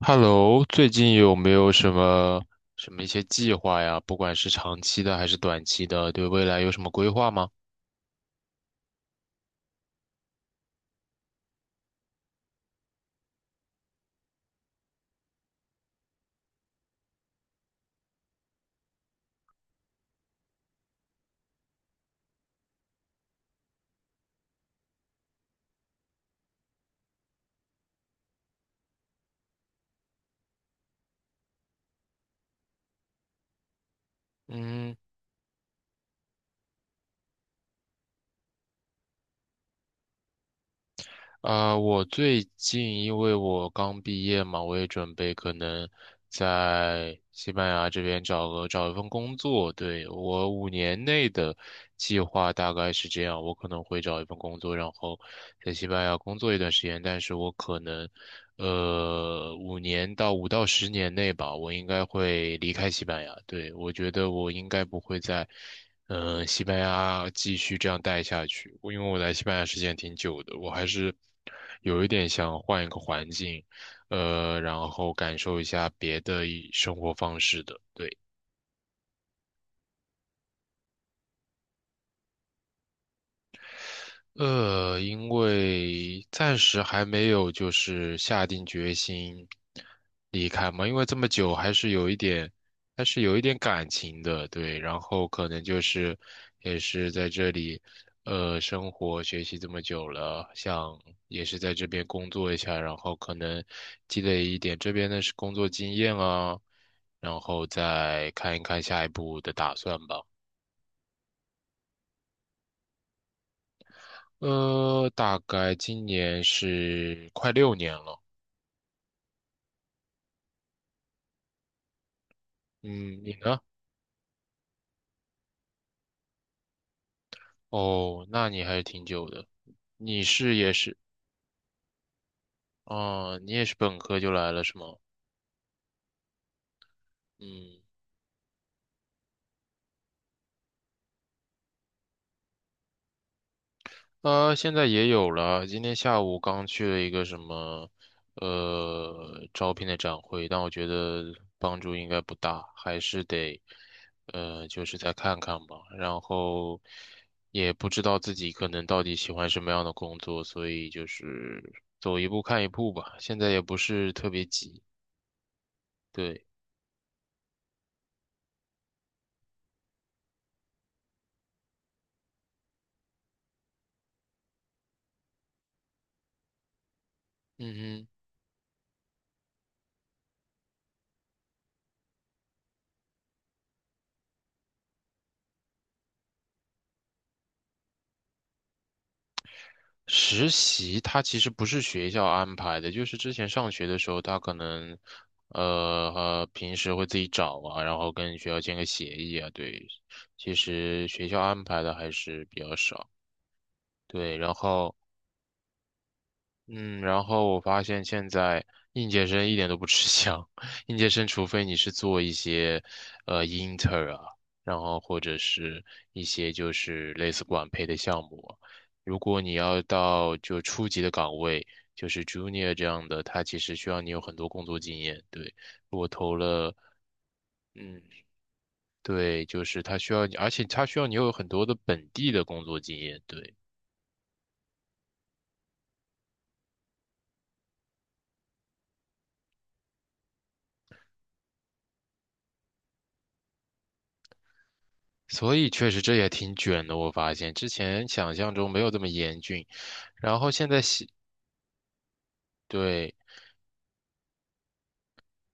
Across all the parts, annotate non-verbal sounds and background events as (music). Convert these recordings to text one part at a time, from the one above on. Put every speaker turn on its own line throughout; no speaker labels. Hello，最近有没有什么一些计划呀？不管是长期的还是短期的，对未来有什么规划吗？嗯。啊，我最近因为我刚毕业嘛，我也准备可能在西班牙这边找一份工作。对，我五年内的计划大概是这样，我可能会找一份工作，然后在西班牙工作一段时间。但是我可能，五年到五到十年内吧，我应该会离开西班牙。对，我觉得我应该不会在西班牙继续这样待下去，我因为我来西班牙时间挺久的，我还是有一点想换一个环境，然后感受一下别的一生活方式的。对。因为暂时还没有就是下定决心离开嘛，因为这么久还是有一点感情的，对，然后可能就是也是在这里，生活学习这么久了，想也是在这边工作一下，然后可能积累一点这边的是工作经验啊，然后再看一看下一步的打算吧。大概今年是快六年了。嗯，你呢？哦，那你还是挺久的。你是也是，哦，你也是本科就来了是吗？嗯，现在也有了。今天下午刚去了一个什么，招聘的展会，但我觉得帮助应该不大，还是得，就是再看看吧。然后也不知道自己可能到底喜欢什么样的工作，所以就是走一步看一步吧。现在也不是特别急，对，嗯哼。实习它其实不是学校安排的，就是之前上学的时候，他可能，平时会自己找啊，然后跟学校签个协议啊，对，其实学校安排的还是比较少，对，然后。嗯，然后我发现现在应届生一点都不吃香，(laughs) 应届生除非你是做一些，inter 啊，然后或者是一些就是类似管培的项目啊，如果你要到就初级的岗位，就是 junior 这样的，他其实需要你有很多工作经验。对，我投了，嗯，对，就是他需要你，而且他需要你有很多的本地的工作经验。对。所以确实这也挺卷的，我发现之前想象中没有这么严峻，然后现在喜对，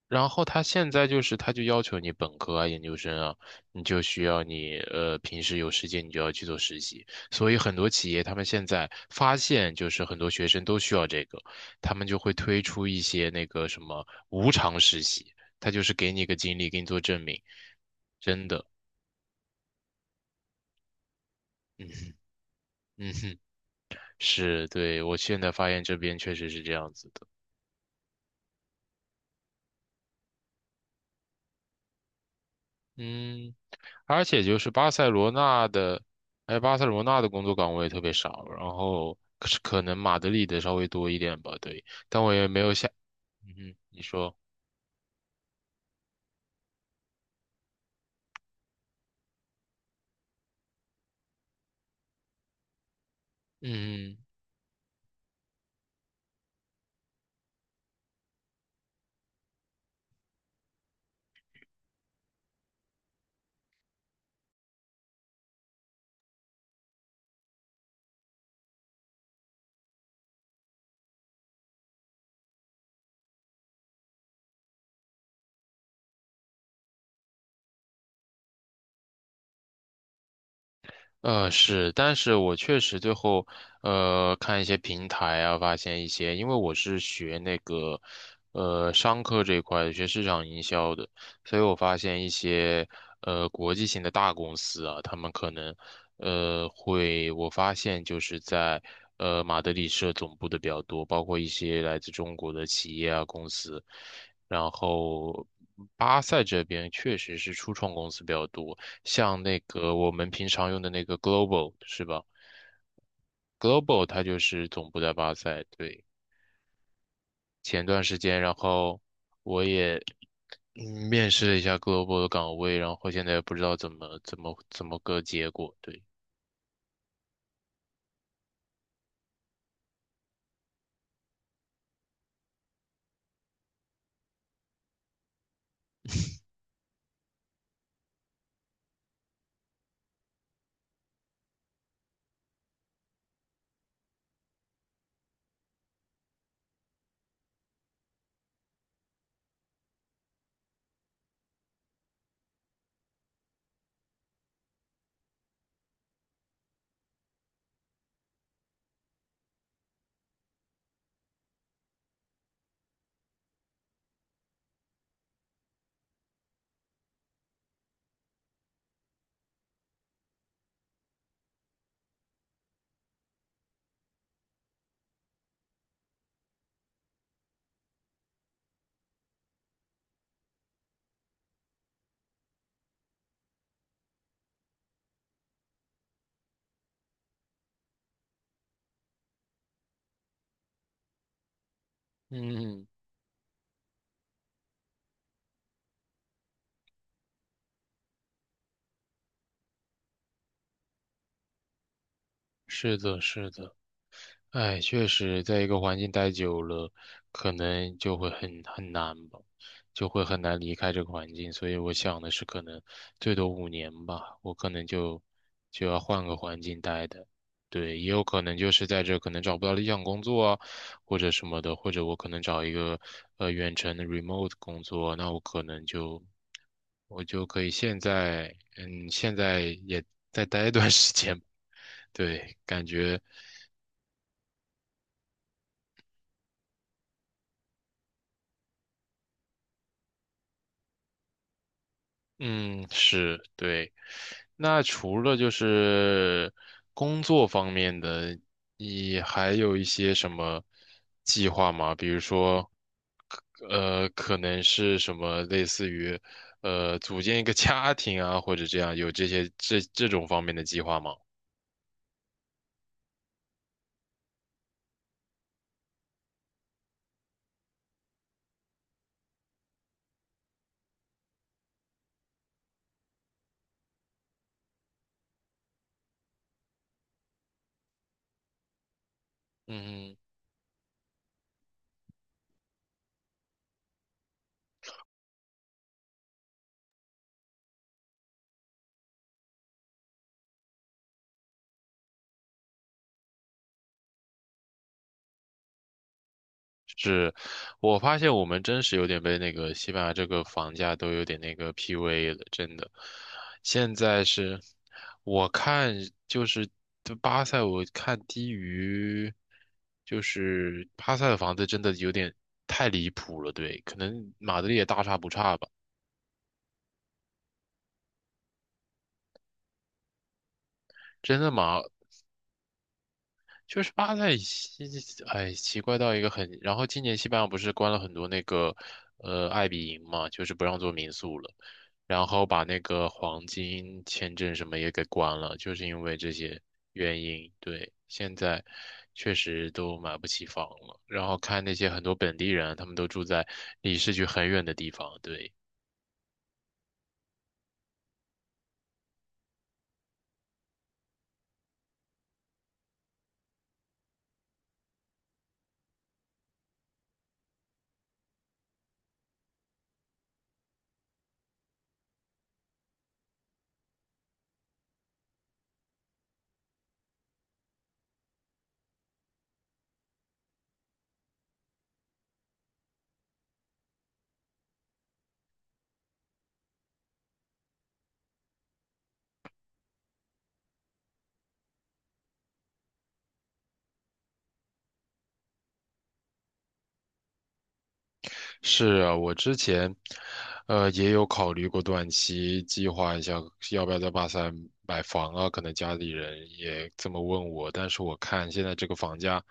然后他现在就是他就要求你本科啊、研究生啊，你就需要你平时有时间你就要去做实习，所以很多企业他们现在发现就是很多学生都需要这个，他们就会推出一些那个什么无偿实习，他就是给你一个经历，给你做证明，真的，嗯嗯哼，是，对，我现在发现这边确实是这样子的。嗯，而且就是巴塞罗那的，哎，巴塞罗那的工作岗位特别少，然后可是可能马德里的稍微多一点吧，对，但我也没有想，嗯哼，你说，嗯。是，但是我确实最后，看一些平台啊，发现一些，因为我是学那个，商科这一块的，学市场营销的，所以我发现一些，国际性的大公司啊，他们可能，会，我发现就是在，马德里设总部的比较多，包括一些来自中国的企业啊，公司，然后巴塞这边确实是初创公司比较多。像那个我们平常用的那个 Global 是吧？Global 它就是总部在巴塞，对。前段时间，然后我也面试了一下 Global 的岗位，然后现在也不知道怎么个结果，对。嗯，是的，是的。哎，确实，在一个环境待久了，可能就会很难吧，就会很难离开这个环境。所以我想的是，可能最多五年吧，我可能就要换个环境待的。对，也有可能就是在这可能找不到理想工作啊，或者什么的，或者我可能找一个远程的 remote 工作，那我可能就我就可以现在嗯现在也再待一段 (laughs) 时间。对，感觉。嗯，是，对。那除了就是工作方面的，你还有一些什么计划吗？比如说，可能是什么类似于，组建一个家庭啊，或者这样，有这些这这种方面的计划吗？嗯是，我发现我们真是有点被那个西班牙这个房价都有点那个 PUA 了，真的。现在是，我看就是就巴塞，我看低于，就是巴塞的房子真的有点太离谱了，对，可能马德里也大差不差吧。真的马就是巴塞西，哎，奇怪到一个很。然后今年西班牙不是关了很多那个，爱比营嘛，就是不让做民宿了，然后把那个黄金签证什么也给关了，就是因为这些原因。对，现在确实都买不起房了。然后看那些很多本地人，他们都住在离市区很远的地方。对。是啊，我之前，也有考虑过短期计划一下，要不要在巴塞买房啊？可能家里人也这么问我，但是我看现在这个房价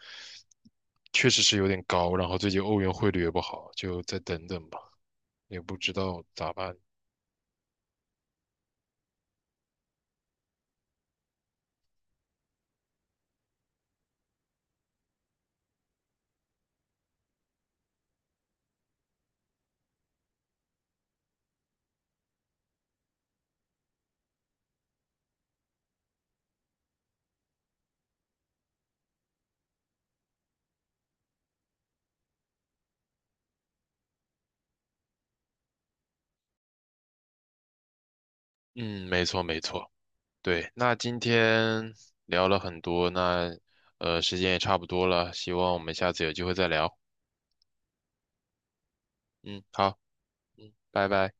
确实是有点高，然后最近欧元汇率也不好，就再等等吧，也不知道咋办。嗯，没错，对，那今天聊了很多，那时间也差不多了，希望我们下次有机会再聊。嗯，好，拜拜。